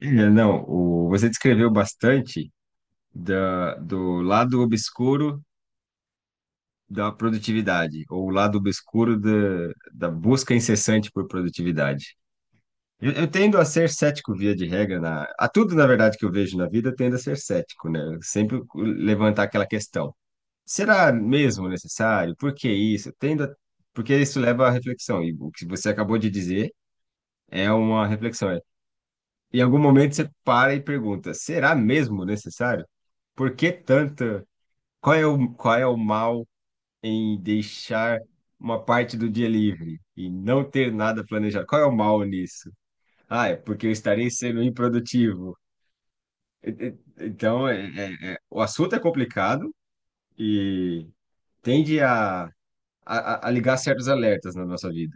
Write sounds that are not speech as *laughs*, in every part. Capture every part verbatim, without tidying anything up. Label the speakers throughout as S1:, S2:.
S1: É, não, o, você descreveu bastante da, do lado obscuro da produtividade, ou o lado obscuro da, da busca incessante por produtividade. Eu, eu tendo a ser cético via de regra, na, a tudo, na verdade, que eu vejo na vida, eu tendo a ser cético, né? Eu sempre levantar aquela questão. Será mesmo necessário? Por que isso? Eu Tendo a, porque isso leva à reflexão, e o que você acabou de dizer é uma reflexão. É em algum momento você para e pergunta: será mesmo necessário? Por que tanta? Qual é o, qual é o mal em deixar uma parte do dia livre e não ter nada planejado? Qual é o mal nisso? Ah, é porque eu estarei sendo improdutivo. E- e- Então, é- é- é- o assunto é complicado e tende a, a, a- a ligar certos alertas na nossa vida.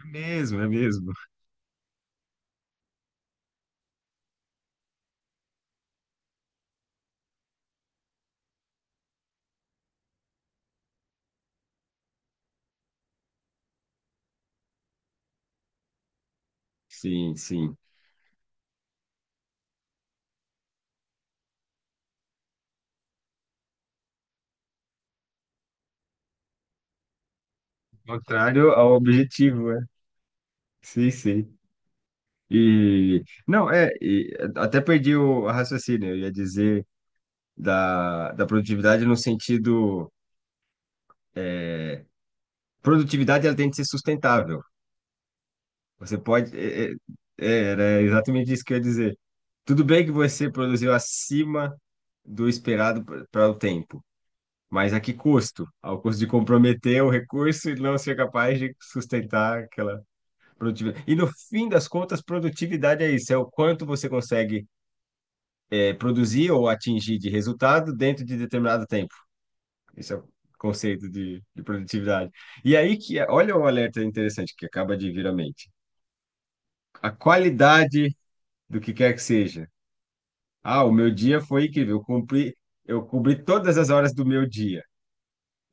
S1: É mesmo, é mesmo. Sim, sim. Contrário ao objetivo, é. Sim, sim. E não, é, e até perdi o raciocínio, eu ia dizer da, da produtividade no sentido é, produtividade ela tem que ser sustentável. Você pode é, é, é, era exatamente isso que eu ia dizer. Tudo bem que você produziu acima do esperado para o tempo, mas a que custo? Ao custo de comprometer o recurso e não ser capaz de sustentar aquela produtividade. E no fim das contas, produtividade é isso, é o quanto você consegue é, produzir ou atingir de resultado dentro de determinado tempo. Esse é o conceito de, de produtividade. E aí que, olha o alerta interessante que acaba de vir à mente. A qualidade do que quer que seja. Ah, o meu dia foi incrível, eu cumpri, eu cobri todas as horas do meu dia.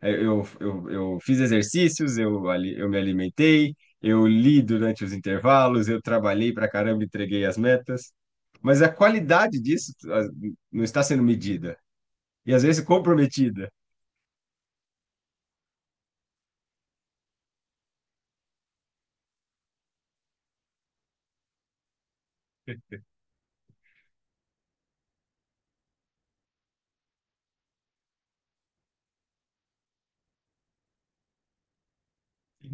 S1: É, Eu, eu, eu fiz exercícios, eu, ali- eu me alimentei, eu li durante os intervalos, eu trabalhei pra caramba, entreguei as metas. Mas a qualidade disso ah, não está sendo medida. E às vezes comprometida.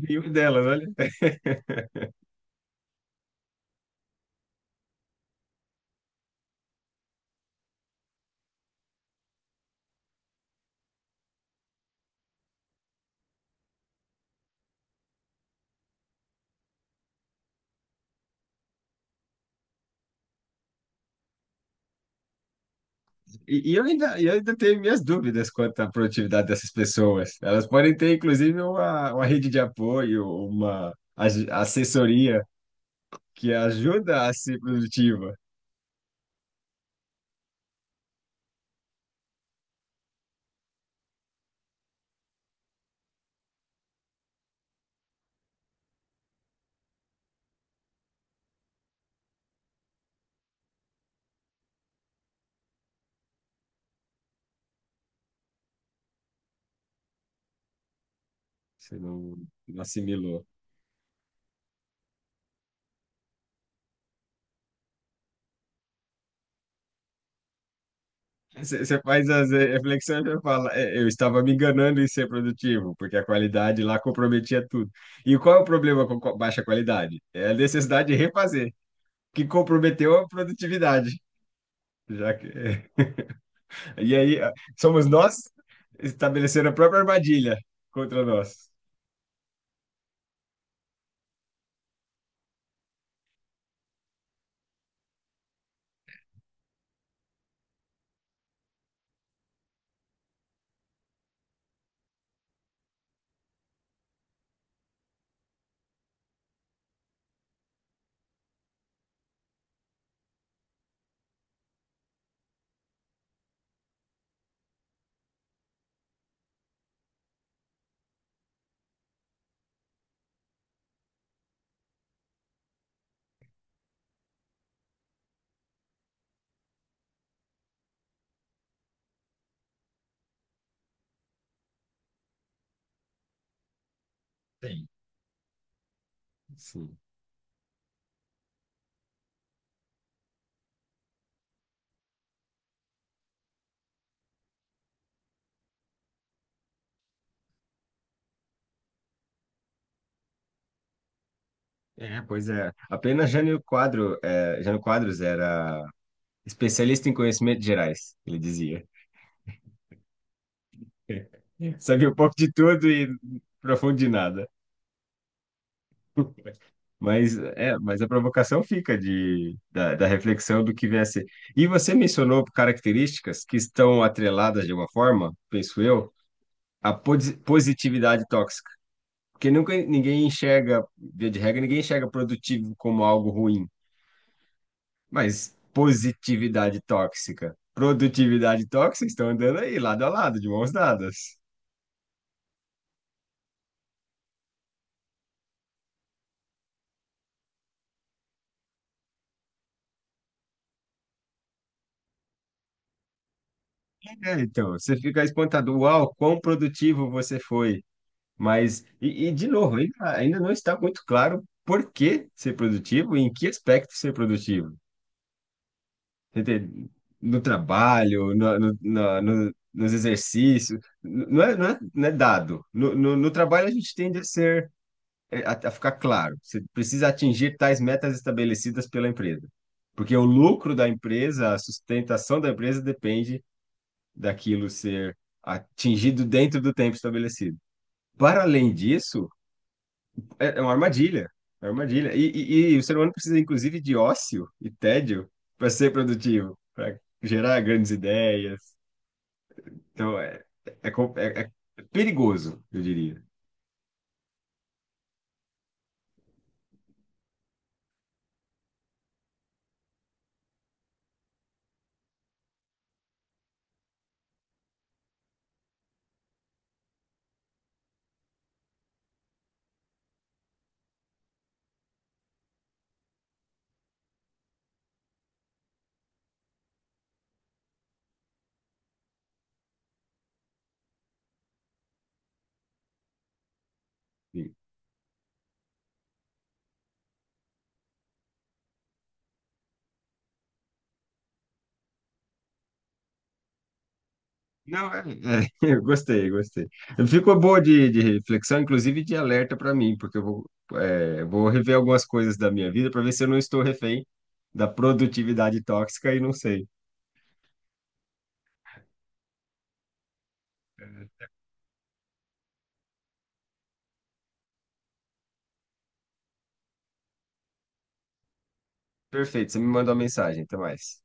S1: E uma delas, olha. *laughs* E, e eu ainda, eu ainda tenho minhas dúvidas quanto à produtividade dessas pessoas. Elas podem ter, inclusive, uma, uma rede de apoio, uma aj- assessoria que ajuda a ser produtiva. Você não, não assimilou. Você você faz as eh, reflexões e fala: "É, eu estava me enganando em ser produtivo, porque a qualidade lá comprometia tudo. E qual é o problema com co- baixa qualidade? É a necessidade de refazer, que comprometeu a produtividade, já que E aí ah, somos nós estabelecendo a própria armadilha contra nós. Sim, sim. É, pois é. Apenas Jânio Quadro, é, Jânio Quadros era especialista em conhecimentos gerais, ele dizia. É. Sabia um pouco de tudo e profundo de nada. Mas, é, mas a provocação fica de, da, da reflexão do que vier a ser. E você mencionou características que estão atreladas de uma forma, penso eu, à posi- positividade tóxica. Porque nunca ninguém enxerga, via de regra, ninguém enxerga produtivo como algo ruim. Mas positividade tóxica, produtividade tóxica estão andando aí, lado a lado, de mãos dadas. É, então, você fica espantado, uau, quão produtivo você foi. Mas, e, e, de novo, ainda, ainda não está muito claro por que ser produtivo e em que aspecto ser produtivo. Entende? No trabalho, no, no, na- no- nos exercícios, N- não é, não é, não é dado. No, no, no trabalho a gente tende a ser é, a, a ficar claro, você precisa atingir tais metas estabelecidas pela empresa. Porque o lucro da empresa, a sustentação da empresa depende daquilo ser atingido dentro do tempo estabelecido. Para além disso, é é uma armadilha. É uma armadilha. E, e- e o ser humano precisa, inclusive, de ócio e tédio para ser produtivo, para gerar grandes ideias. Então, é, é, é- é perigoso, eu diria. Não, é, é, *laughs* eu gostei, gostei. Ficou boa de, de reflexão, inclusive de alerta para mim, porque eu vou, é, vou rever algumas coisas da minha vida para ver se eu não estou refém da produtividade tóxica e não sei. Perfeito, você me mandou uma mensagem, até mais.